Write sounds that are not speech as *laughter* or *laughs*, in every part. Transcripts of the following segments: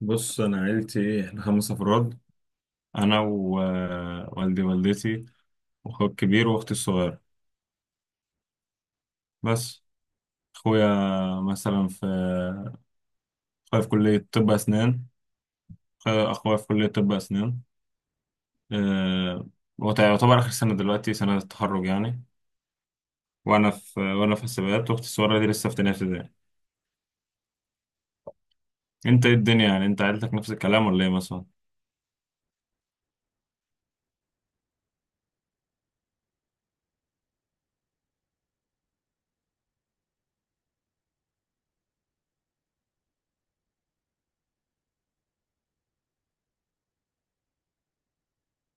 بص انا عيلتي احنا خمس افراد. انا ووالدي والدتي واخويا الكبير واختي الصغيره بس. اخويا مثلا في اخويا في كليه طب اسنان اخويا أخويا في كليه طب اسنان. أه... هو يعتبر اخر سنه دلوقتي، سنه التخرج يعني. وانا في حسابات، واختي الصغيره دي لسه في تانية ابتدائي. انت ايه الدنيا يعني؟ انت عيلتك نفس الكلام ولا ايه مثلا؟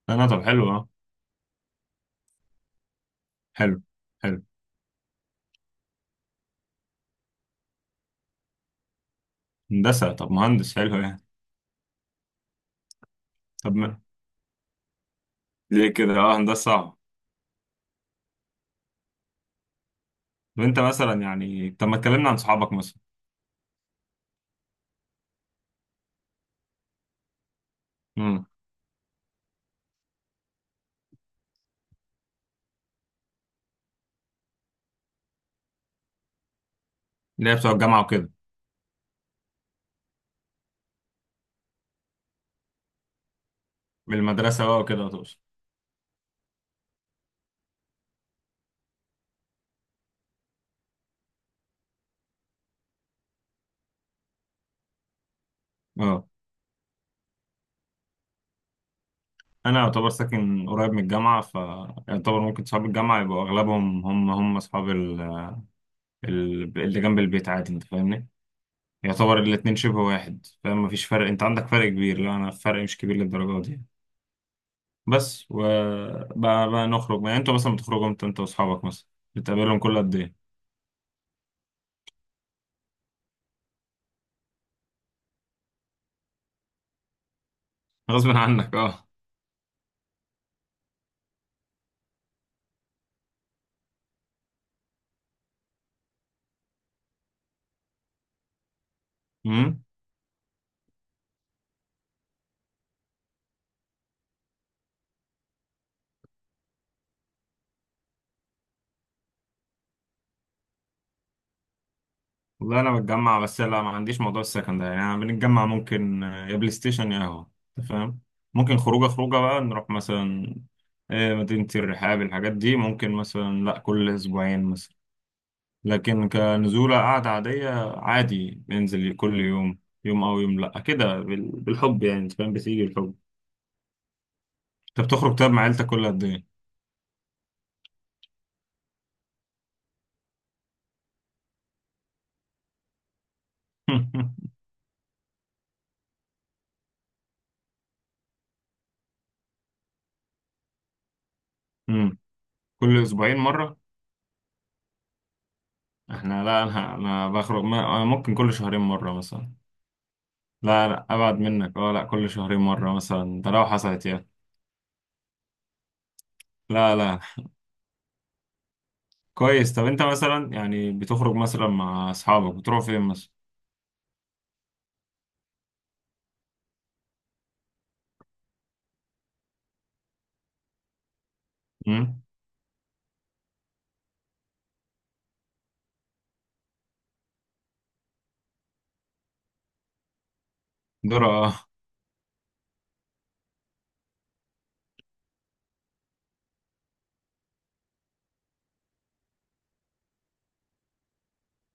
انا طب، حلو اه. حلو حلو. هندسه، طب مهندس حلو يعني. طب ما... ليه كده؟ اه هندسه صعبه. طب انت مثلا يعني، طب ما اتكلمنا عن صحابك مثلا. امم. اللي هي بتوع الجامعه وكده. من المدرسه بقى وكده تقصد. اه انا يعتبر ساكن قريب من الجامعه، فيعتبر ممكن صحاب الجامعه يبقوا اغلبهم هم اصحاب اللي جنب البيت، عادي انت فاهمني. يعتبر الاتنين شبه واحد، فاهم؟ مفيش فرق. انت عندك فرق كبير، لا انا فرق مش كبير للدرجه دي. بس وبقى نخرج يعني. انتوا مثلا بتخرجوا امتى انت واصحابك مثلا؟ بتقابلهم كل قد ايه؟ غصب عنك. اه والله انا بتجمع، بس لا ما عنديش موضوع السكن ده يعني. أنا بنتجمع، ممكن آه، يا بلاي ستيشن يا قهوه، انت فاهم. ممكن خروجه خروجه بقى نروح مثلا آه، مدينه الرحاب، الحاجات دي ممكن مثلا، لا كل اسبوعين مثلا. لكن كنزوله قعده عاديه، عادي بننزل كل يوم، يوم او يوم لا كده، بالحب يعني. انت فاهم؟ بتيجي الحب. انت بتخرج طيب مع عيلتك كل قد ايه؟ *laughs* مم. كل اسبوعين مره؟ احنا لا، انا انا بخرج ما- أنا ممكن كل شهرين مره مثلا. لا لا ابعد منك، اه لا كل شهرين مره مثلا، ده لو حصلت يعني. لا لا. كويس. طب انت مثلا يعني بتخرج مثلا مع اصحابك بتروح فين مثلا؟ امم. دور اه.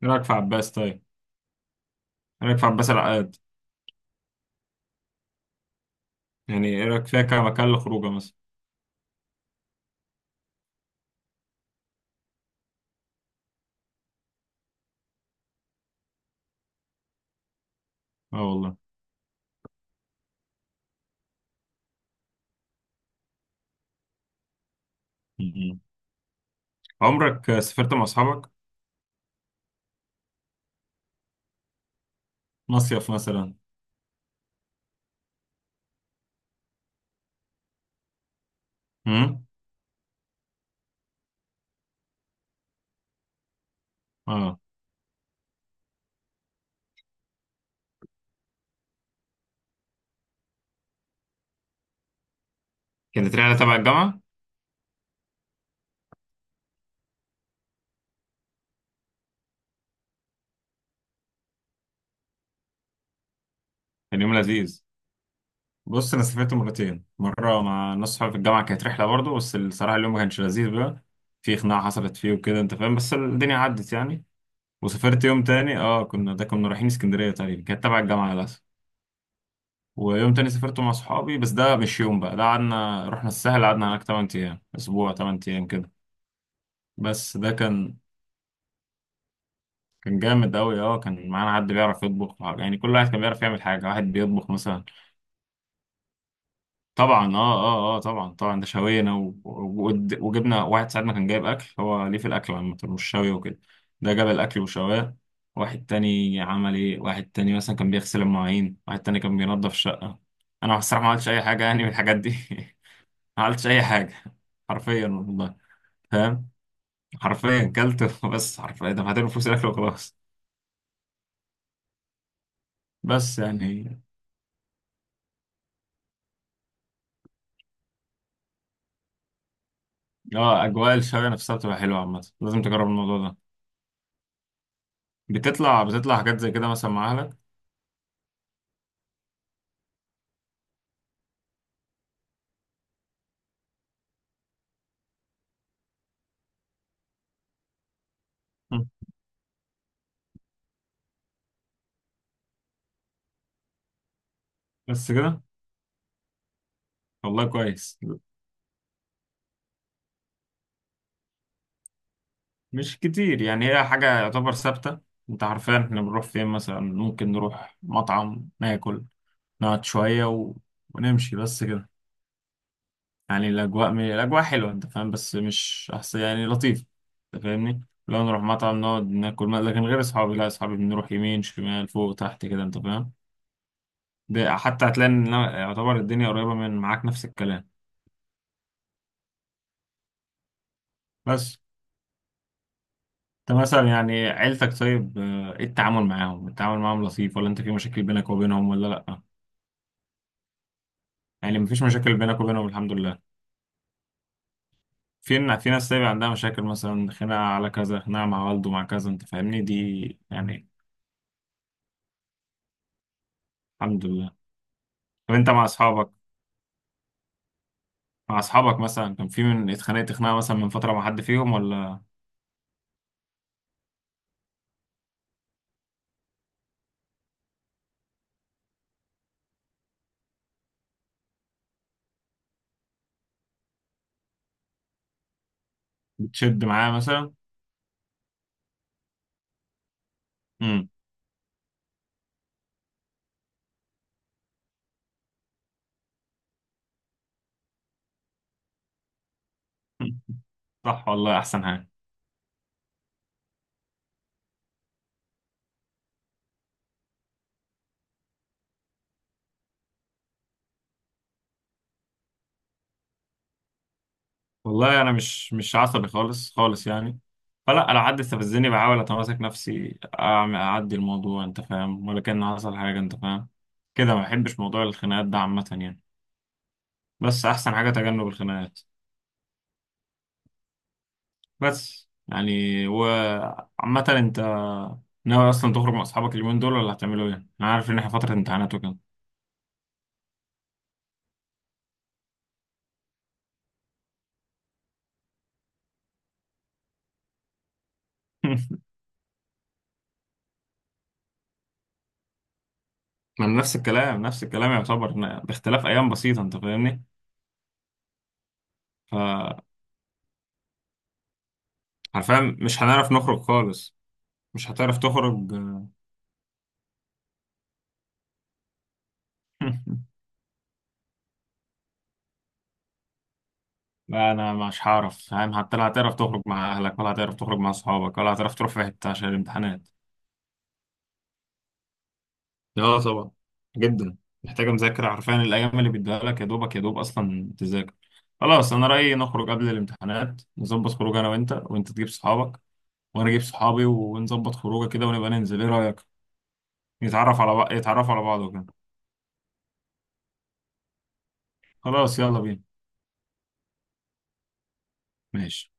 ايه رايك في عباس طيب؟ ايه رايك في عباس العقاد؟ يعني ايه رايك فيها كمكان للخروجه مثلا؟ اه والله. مم. عمرك سافرت مع اصحابك؟ مصيف مثلا؟ امم. اه. كانت رحله تبع الجامعه؟ كان يوم لذيذ. بص انا سافرت مرتين. مره مع ناس صحابي في الجامعه، كانت رحله برضه، بس الصراحه اليوم ما كانش لذيذ بقى، في خناقه حصلت فيه وكده انت فاهم، بس الدنيا عدت يعني. وسافرت يوم تاني، اه كنا ده كنا رايحين اسكندريه تقريبا، كانت تبع الجامعه للاسف. ويوم تاني سافرت مع صحابي، بس ده مش يوم بقى، ده قعدنا رحنا الساحل قعدنا هناك 8 ايام، اسبوع، 8 ايام كده. بس ده كان، كان جامد قوي اه. كان معانا حد بيعرف يطبخ يعني. كل واحد كان بيعرف يعمل حاجه، واحد بيطبخ مثلا. طبعا اه طبعا طبعا، ده شوينا وجبنا واحد ساعتنا كان جايب اكل، هو ليه في الاكل عامه مش شوي وكده. ده جاب الاكل وشواه. واحد تاني عمل ايه، واحد تاني مثلا كان بيغسل المواعين، واحد تاني كان بينظف الشقه. انا الصراحه ما عملتش اي حاجه يعني من الحاجات دي. *laughs* ما عملتش اي حاجه، حرفيا والله. فاهم، حرفيا كلت، *laughs* بس حرفيا دفعت له فلوس الاكل وخلاص. بس يعني اه اجواء الشوي نفسها بتبقى حلوه عامه، لازم تجرب الموضوع ده. بتطلع حاجات زي كده مثلا مع اهلك؟ مم. بس كده. والله كويس. مش كتير يعني، هي حاجة يعتبر ثابتة. انت عارفين احنا بنروح فين مثلا؟ ممكن نروح مطعم ناكل، نقعد شوية ونمشي، بس كده. يعني الأجواء الأجواء حلوة انت فاهم، بس مش أحسن، يعني لطيف. انت فاهمني، لو نروح مطعم نقعد ناكل ما... لكن غير أصحابي، لا أصحابي بنروح يمين شمال فوق تحت كده انت فاهم. ده حتى هتلاقي ان يعتبر الدنيا قريبة من معاك نفس الكلام. بس انت مثلا يعني عيلتك طيب آه، ايه التعامل معاهم؟ التعامل معاهم لطيف، ولا انت في مشاكل بينك وبينهم ولا لا؟ يعني مفيش مشاكل بينك وبينهم الحمد لله. في ناس طيب عندها مشاكل مثلا، خناقة على كذا، خناقة مع والده مع كذا، انت فاهمني؟ دي يعني. الحمد لله. طب انت مع اصحابك، مع اصحابك مثلا كان في من اتخانقت خناقة مثلا من فترة مع حد فيهم، ولا بتشد معاه مثلا؟ امم. صح والله، احسن حاجة. والله انا مش عصبي خالص خالص يعني. فلا لو حد استفزني بحاول اتماسك نفسي، أعمل اعدي الموضوع انت فاهم، ولا كان حصل حاجه انت فاهم كده. ما بحبش موضوع الخناقات ده عامه يعني. بس احسن حاجه تجنب الخناقات. بس يعني، وعامه انت ناوي اصلا تخرج مع اصحابك اليومين دول ولا هتعملوا ايه؟ انا عارف ان احنا فتره امتحانات وكده. *laughs* ما أنا نفس الكلام، نفس الكلام، يعتبر إن باختلاف ايام بسيطه انت فاهمني. فحرفيا مش هنعرف نخرج خالص. مش هتعرف تخرج. لا انا مش هعرف فاهم، حتى لا هتعرف تخرج مع اهلك ولا هتعرف تخرج مع اصحابك ولا هتعرف تروح في حته عشان الامتحانات. لا طبعا، جدا. محتاجه مذاكره حرفيا، الايام اللي بيديها لك يا دوبك يا دوب اصلا تذاكر. خلاص انا رايي نخرج قبل الامتحانات، نظبط خروج انا وانت، وانت تجيب صحابك وانا اجيب صحابي، ونظبط خروجه كده ونبقى ننزل، ايه رايك؟ نتعرف على بعض، يتعرفوا على بعض وكده. خلاص يلا بينا. ماشي.